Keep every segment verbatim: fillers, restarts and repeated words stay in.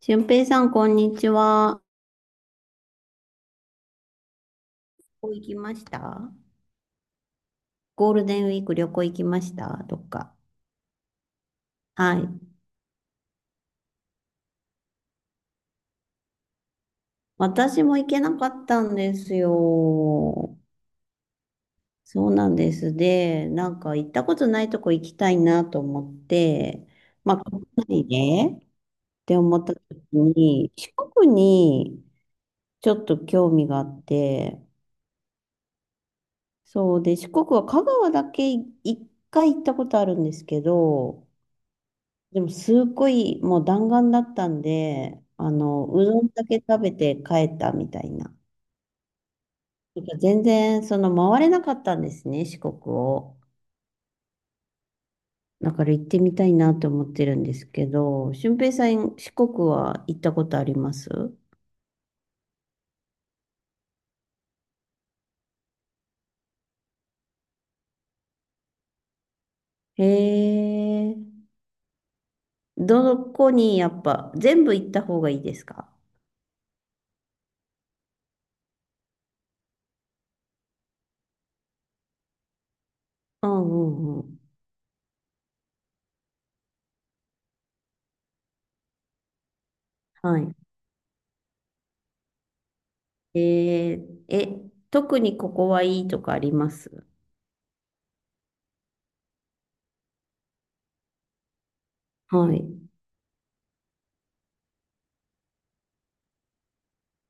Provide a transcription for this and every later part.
俊平さん、こんにちは。旅行行きました、ゴールデンウィーク旅行行きましたどっか。はい。私も行けなかったんですよ。そうなんです。で、なんか行ったことないとこ行きたいなと思って、まあ、国内でって思った時に、四国にちょっと興味があって、そうで、四国は香川だけい一回行ったことあるんですけど、でも、すっごい、もう弾丸だったんで、あの、うどんだけ食べて帰ったみたいな。なんか全然、その、回れなかったんですね、四国を。だから行ってみたいなと思ってるんですけど、俊平さん、四国は行ったことあります？へえ。どこにやっぱ、全部行った方がいいですか？うんうんうん。はい。えー、え、特にここはいいとかあります？はい。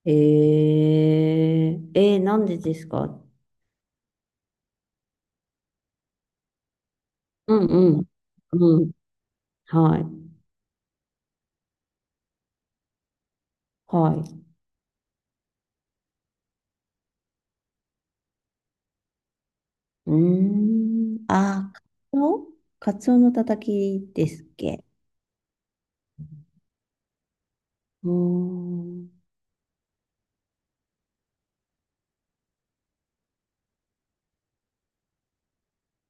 ええ、えーなんでですか？うんうん。うん。はい。はい。うーん。あー、カツオ、カツオのたたきですっけ？うーん。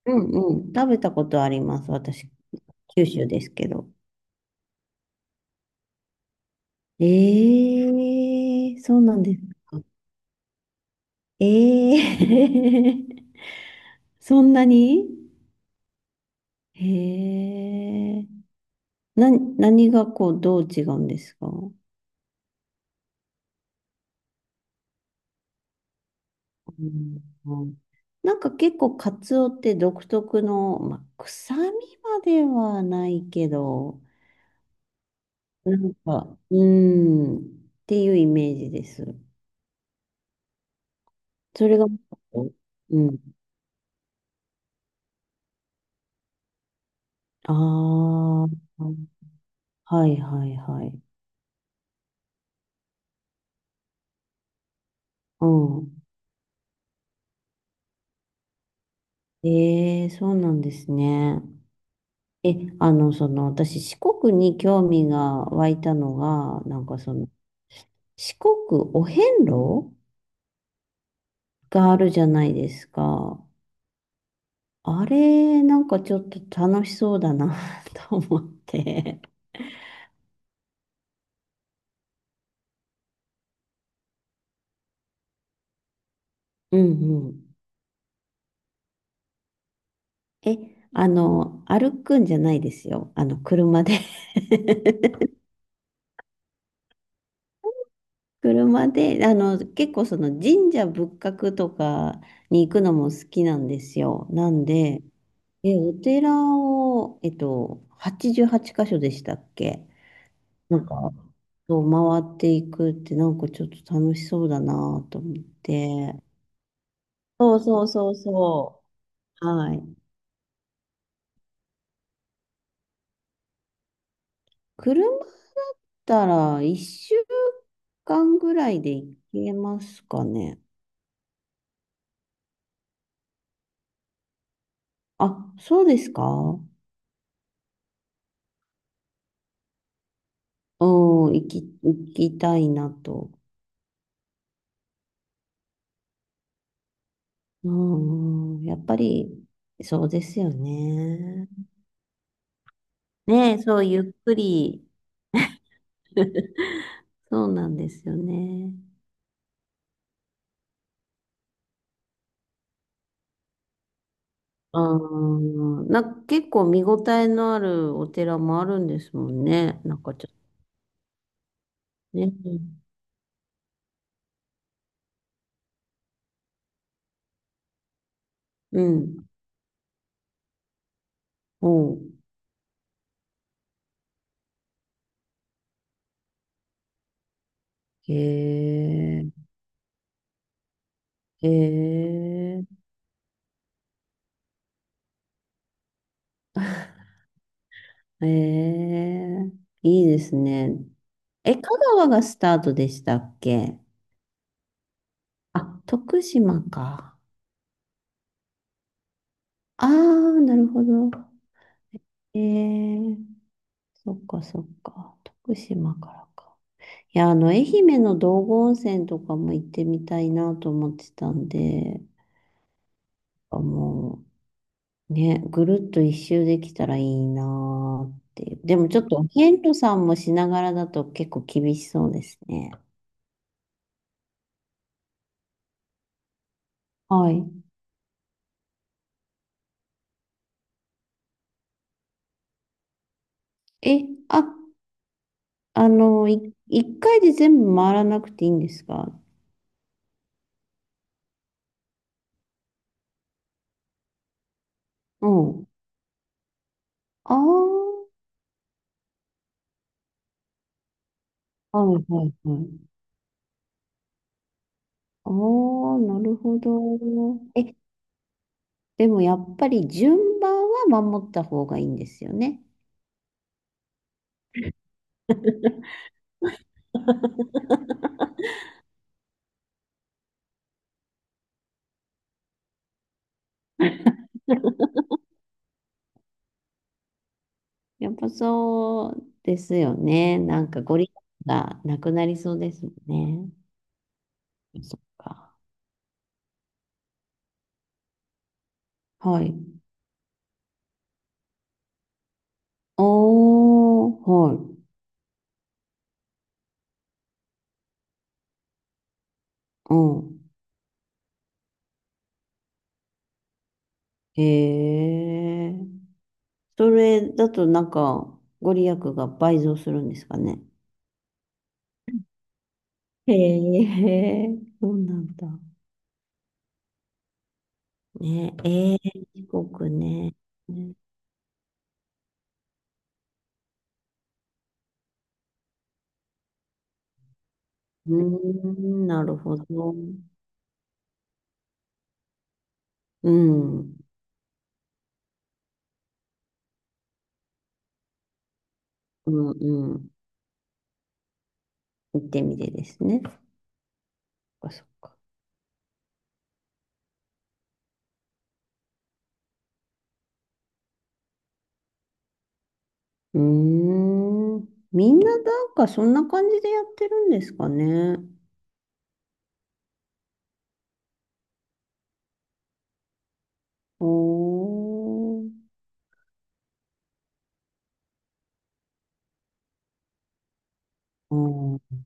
うんうん。食べたことあります。私、九州ですけど。ええ、そうなんですか。ええ そんなに？へえ。な、何がこう、どう違うんですか？うんうん、なんか結構カツオって独特の、まあ、臭みまではないけど、なんか、うーん、っていうイメージです。それが、うん。ああ、はいはいはい。うん。ええ、そうなんですね。え、あの、その、私、四国に興味が湧いたのが、なんかその、四国お遍路があるじゃないですか。あれ、なんかちょっと楽しそうだな と思って。うんうん。え、あの、歩くんじゃないですよ。あの、車で 車で、あの、結構その神社仏閣とかに行くのも好きなんですよ。なんで、え、お寺を、えっと、はちじゅうはちかしょ箇所でしたっけ？なんか、そう回っていくってなんかちょっと楽しそうだなと思って。そうそうそうそう。はい。車だったらいっしゅうかんぐらいで行けますかね。あ、そうですか。うん、行き、行きたいなと。うん、うんやっぱり、そうですよね。ねえ、そう、ゆっくり、そうなんですよね。うん、なんか結構見応えのあるお寺もあるんですもんね。なんかちょっとね。うん。うん。おう、へえ、へえ。ええ、いいですね。え、香川がスタートでしたっけ？あ、徳島か。ああ、なるほど。ええ、そっかそっか。徳島からか。いや、あの、愛媛の道後温泉とかも行ってみたいなと思ってたんで、あもう、ね、ぐるっと一周できたらいいなーっていう。でもちょっと、ントさんもしながらだと結構厳しそうですね。はい。え、あ、あの、い、一回で全部回らなくていいんですか？うん。ああ、はいはいはい。ああ、なるほど。え、でもやっぱり順番は守った方がいいんですよね。やっぱそうですよね。なんかゴリラがなくなりそうですもんね。そっか。はい。おー、はい。うん。へえ。それだとなんかご利益が倍増するんですかね。へえ、そうなんだ。ね、ええ、四国ね。うーん、なるほど。うん、うん、うん。行ってみてですね。そっか、そっか。うーん。みんななんかそんな感じでやってるんですかね。おー。うん。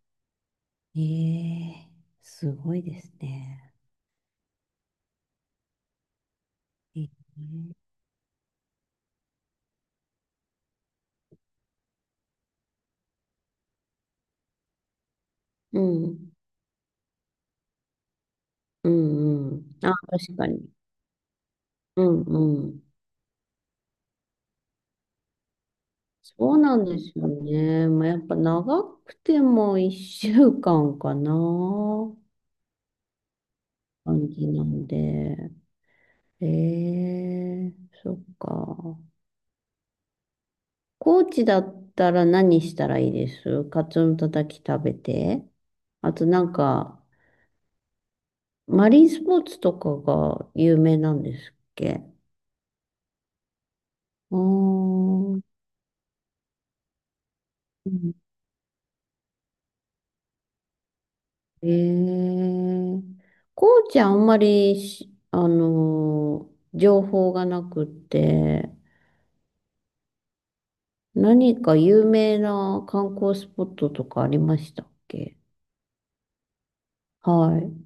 ええ、すごいですね。ええ、うん、うん、うん。あ、確かに。うん、うん。そうなんですよね。まあ、やっぱ長くてもいっしゅうかんかんかな。感じなんで。えー、そっか。高知だったら何したらいいです？カツオのたたき食べて。あとなんか、マリンスポーツとかが有名なんですっけ？うーん。えー、高知あんまりし、あのー情報がなくて、何か有名な観光スポットとかありましたっけ？はい。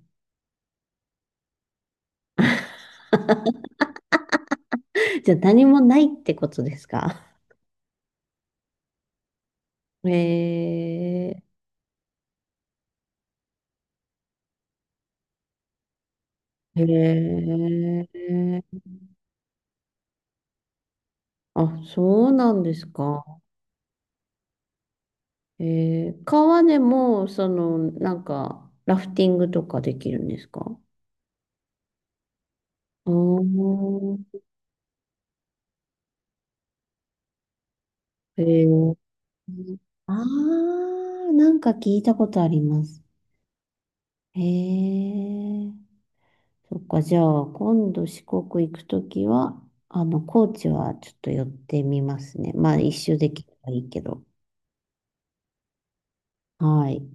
じゃあ何もないってことですか？ へえ、へえ、あ、そうなんですか。へー。川でも、その、なんか、ラフティングとかできるんですか？おー、へー。あー、なんか聞いたことあります。へえ。そっか、じゃあ、今度四国行くときは、あの、高知はちょっと寄ってみますね。まあ、一周できればいいけど。はい。